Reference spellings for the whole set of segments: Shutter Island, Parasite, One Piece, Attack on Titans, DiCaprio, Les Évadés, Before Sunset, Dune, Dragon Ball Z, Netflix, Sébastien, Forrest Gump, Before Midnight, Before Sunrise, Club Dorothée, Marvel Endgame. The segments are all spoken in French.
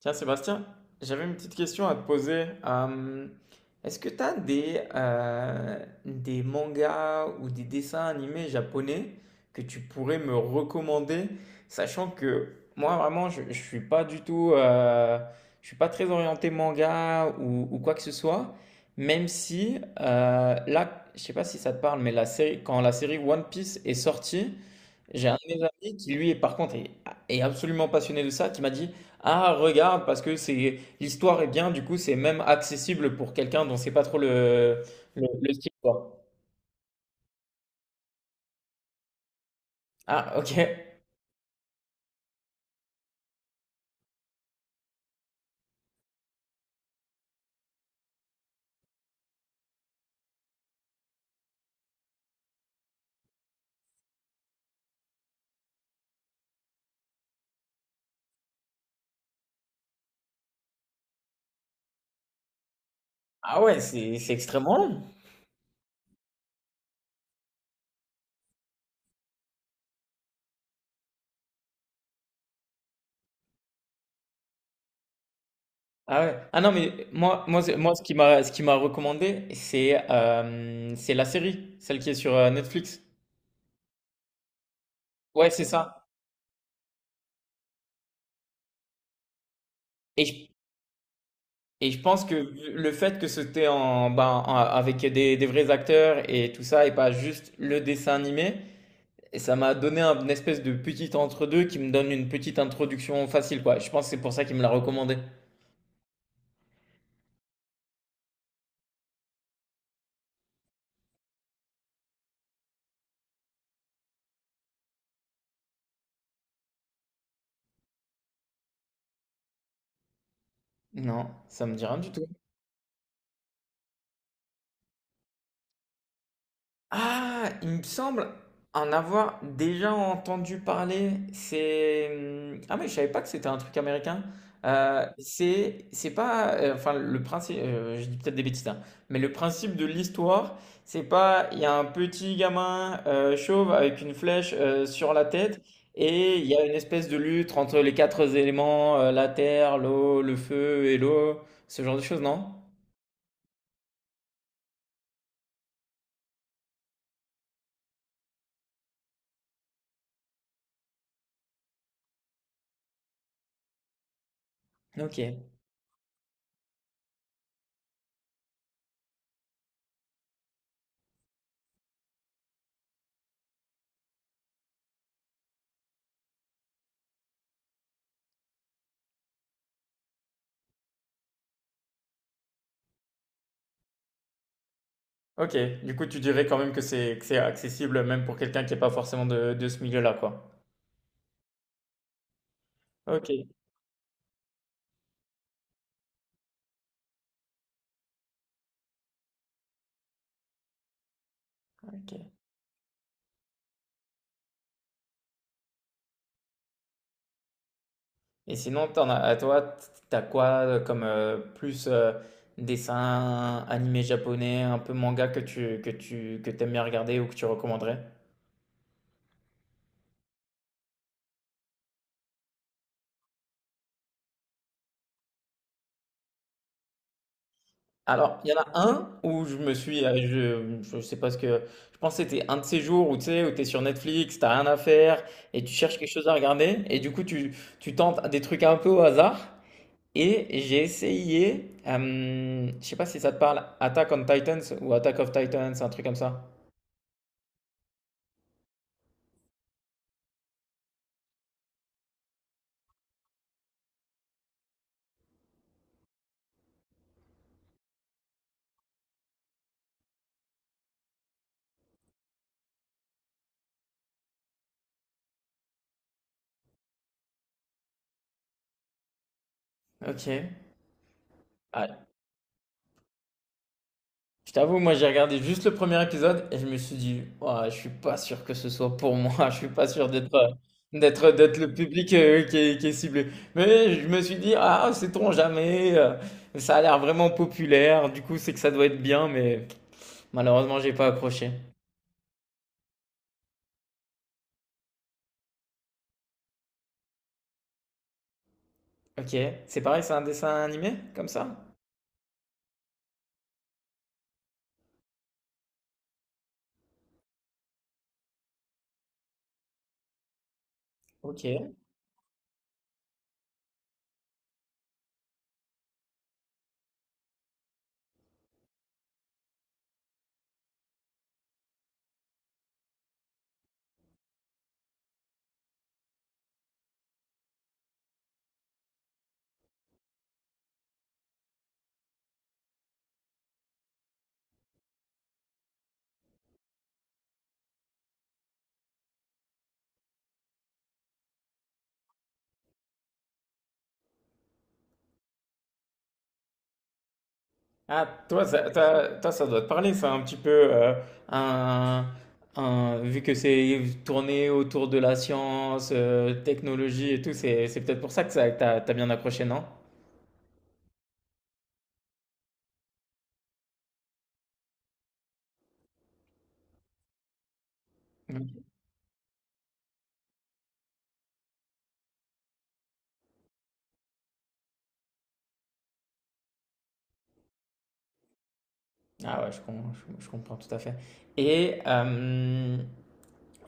Tiens, Sébastien, j'avais une petite question à te poser. Est-ce que tu as des mangas ou des dessins animés japonais que tu pourrais me recommander, sachant que moi, vraiment, je suis pas du tout, je suis pas très orienté manga ou quoi que ce soit, même si là, je sais pas si ça te parle, mais quand la série One Piece est sortie, j'ai un de mes amis qui, lui, par contre, est absolument passionné de ça, qui m'a dit, ah, regarde, parce que c'est l'histoire est bien, du coup, c'est même accessible pour quelqu'un dont c'est pas trop le style, quoi. Ah, ok. Ah ouais, c'est extrêmement long. Ah ouais. Ah non, mais moi, moi ce qui m'a recommandé, c'est la série, celle qui est sur Netflix. Ouais, c'est ça. Et je, et je pense que le fait que c'était avec des vrais acteurs et tout ça, et pas juste le dessin animé. Et ça m'a donné une espèce de petit entre-deux qui me donne une petite introduction facile, quoi. Je pense que c'est pour ça qu'il me l'a recommandé. Non, ça me dit rien du tout. Ah, il me semble en avoir déjà entendu parler. C'est, mmh, ah, mais je savais pas que c'était un truc américain. C'est pas, enfin, le principe, je dis peut-être des bêtises, hein, mais le principe de l'histoire, c'est pas il y a un petit gamin, chauve avec une flèche, sur la tête, et il y a une espèce de lutte entre les 4 éléments, la terre, l'eau, le feu et l'eau, ce genre de choses, non? OK. OK, du coup, tu dirais quand même que c'est accessible même pour quelqu'un qui est pas forcément de ce milieu-là, quoi? OK, OK. Et sinon, t'en as à toi, t tu quoi, comme, plus, dessin animé japonais, un peu manga que t'aimes bien regarder ou que tu recommanderais? Alors, il y en a un où je sais pas ce que, je pense que c'était un de ces jours où tu sais, où t'es sur Netflix, t'as rien à faire et tu cherches quelque chose à regarder et du coup, tu tentes des trucs un peu au hasard. Et j'ai essayé, je sais pas si ça te parle, Attack on Titans ou Attack of Titans, un truc comme ça. Ok. Ah, je t'avoue, moi j'ai regardé juste le premier épisode et je me suis dit, ouah, je suis pas sûr que ce soit pour moi, je suis pas sûr d'être le public qui est ciblé. Mais je me suis dit, ah, sait-on jamais, ça a l'air vraiment populaire, du coup c'est que ça doit être bien, mais malheureusement j'ai pas accroché. Ok, c'est pareil, c'est un dessin animé comme ça? Ok. Ah, toi, ça doit te parler, ça, un petit peu. Un, Vu que c'est tourné autour de la science, technologie et tout, c'est peut-être pour ça que ça t'as bien accroché, non? Mm. Ah ouais, je comprends tout à fait. Et, euh,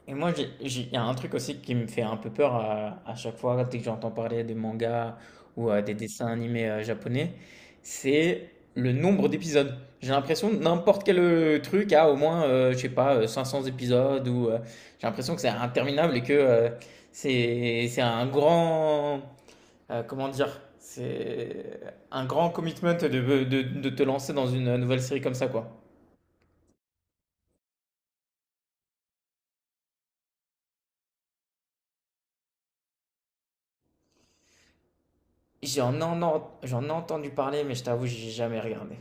Et moi, il y a un truc aussi qui me fait un peu peur à chaque fois, dès que j'entends parler de mangas ou des dessins animés japonais, c'est le nombre d'épisodes. J'ai l'impression que n'importe quel truc a au moins, je sais pas, 500 épisodes ou j'ai l'impression que c'est interminable et que c'est un grand, comment dire, c'est un grand commitment de te lancer dans une nouvelle série comme ça, quoi. J'en ai entendu parler, mais je t'avoue, j'ai jamais regardé.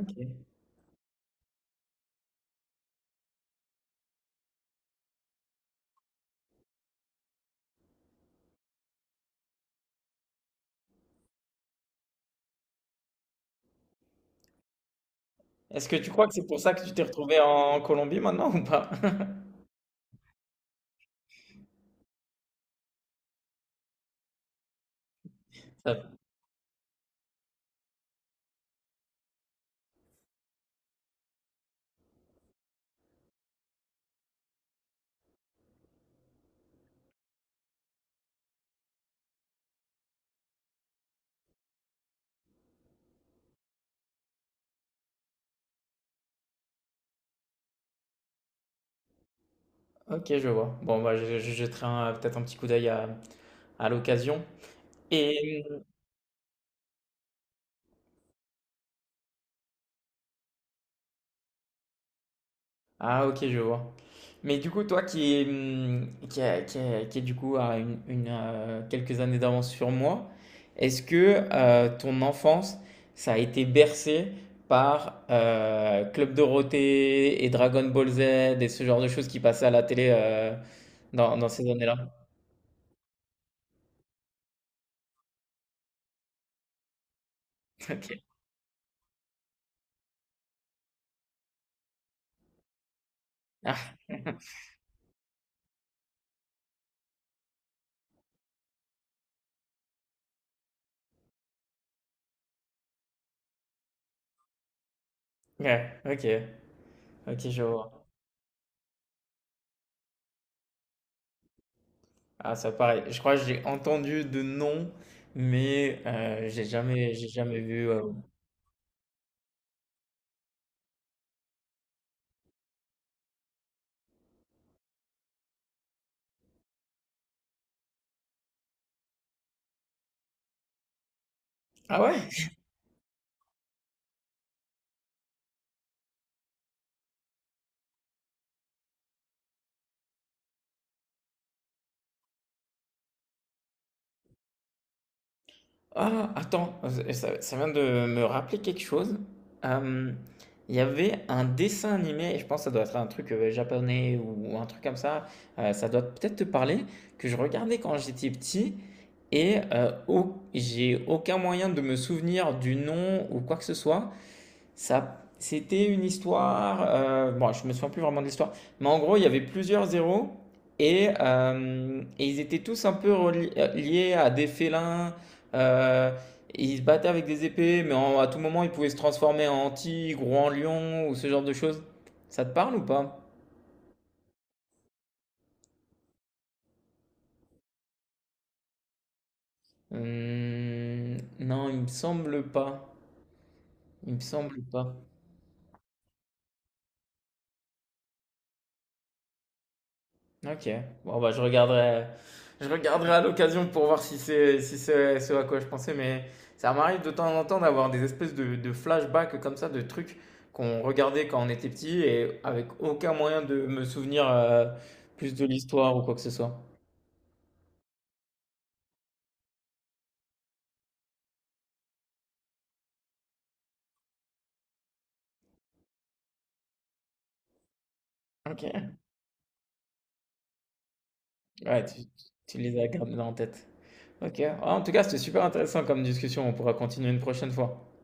Ok. Est-ce que tu crois que c'est pour ça que tu t'es retrouvé en Colombie maintenant ou pas? Ça- Ok, je vois. Bon, bah, je jetterai peut-être un petit coup d'œil à l'occasion. Et... Ah, ok, je vois. Mais du coup, toi qui est, qui est du coup à une, quelques années d'avance sur moi, est-ce que ton enfance, ça a été bercé par Club Dorothée et Dragon Ball Z et ce genre de choses qui passaient à la télé dans ces années-là? Ok. Ouais, OK. OK, je vois. Ah, ça pareil. Je crois que j'ai entendu de nom, mais j'ai jamais vu. Ah ouais? Ah, attends, ça vient de me rappeler quelque chose. Euh, Il y avait un dessin animé, et je pense que ça doit être un truc japonais ou un truc comme ça. Ça doit peut-être te parler, que je regardais quand j'étais petit, et j'ai aucun moyen de me souvenir du nom ou quoi que ce soit. Ça, c'était une histoire. Bon, je me souviens plus vraiment de l'histoire. Mais en gros, il y avait plusieurs zéros. Et ils étaient tous un peu liés à des félins. euh, et ils se battaient avec des épées. Mais à tout moment, ils pouvaient se transformer en tigre ou en lion ou ce genre de choses. Ça te parle ou pas? Non, il me semble pas. Il me semble pas. Ok. Bon, bah, je regarderai à l'occasion pour voir si c'est si c'est ce à quoi je pensais. Mais ça m'arrive de temps en temps d'avoir des espèces de flashbacks comme ça, de trucs qu'on regardait quand on était petit et avec aucun moyen de me souvenir plus de l'histoire ou quoi que ce soit. Ok. Ouais, tu les as gardés en tête. Ok. Ah, en tout cas, c'était super intéressant comme discussion. On pourra continuer une prochaine fois.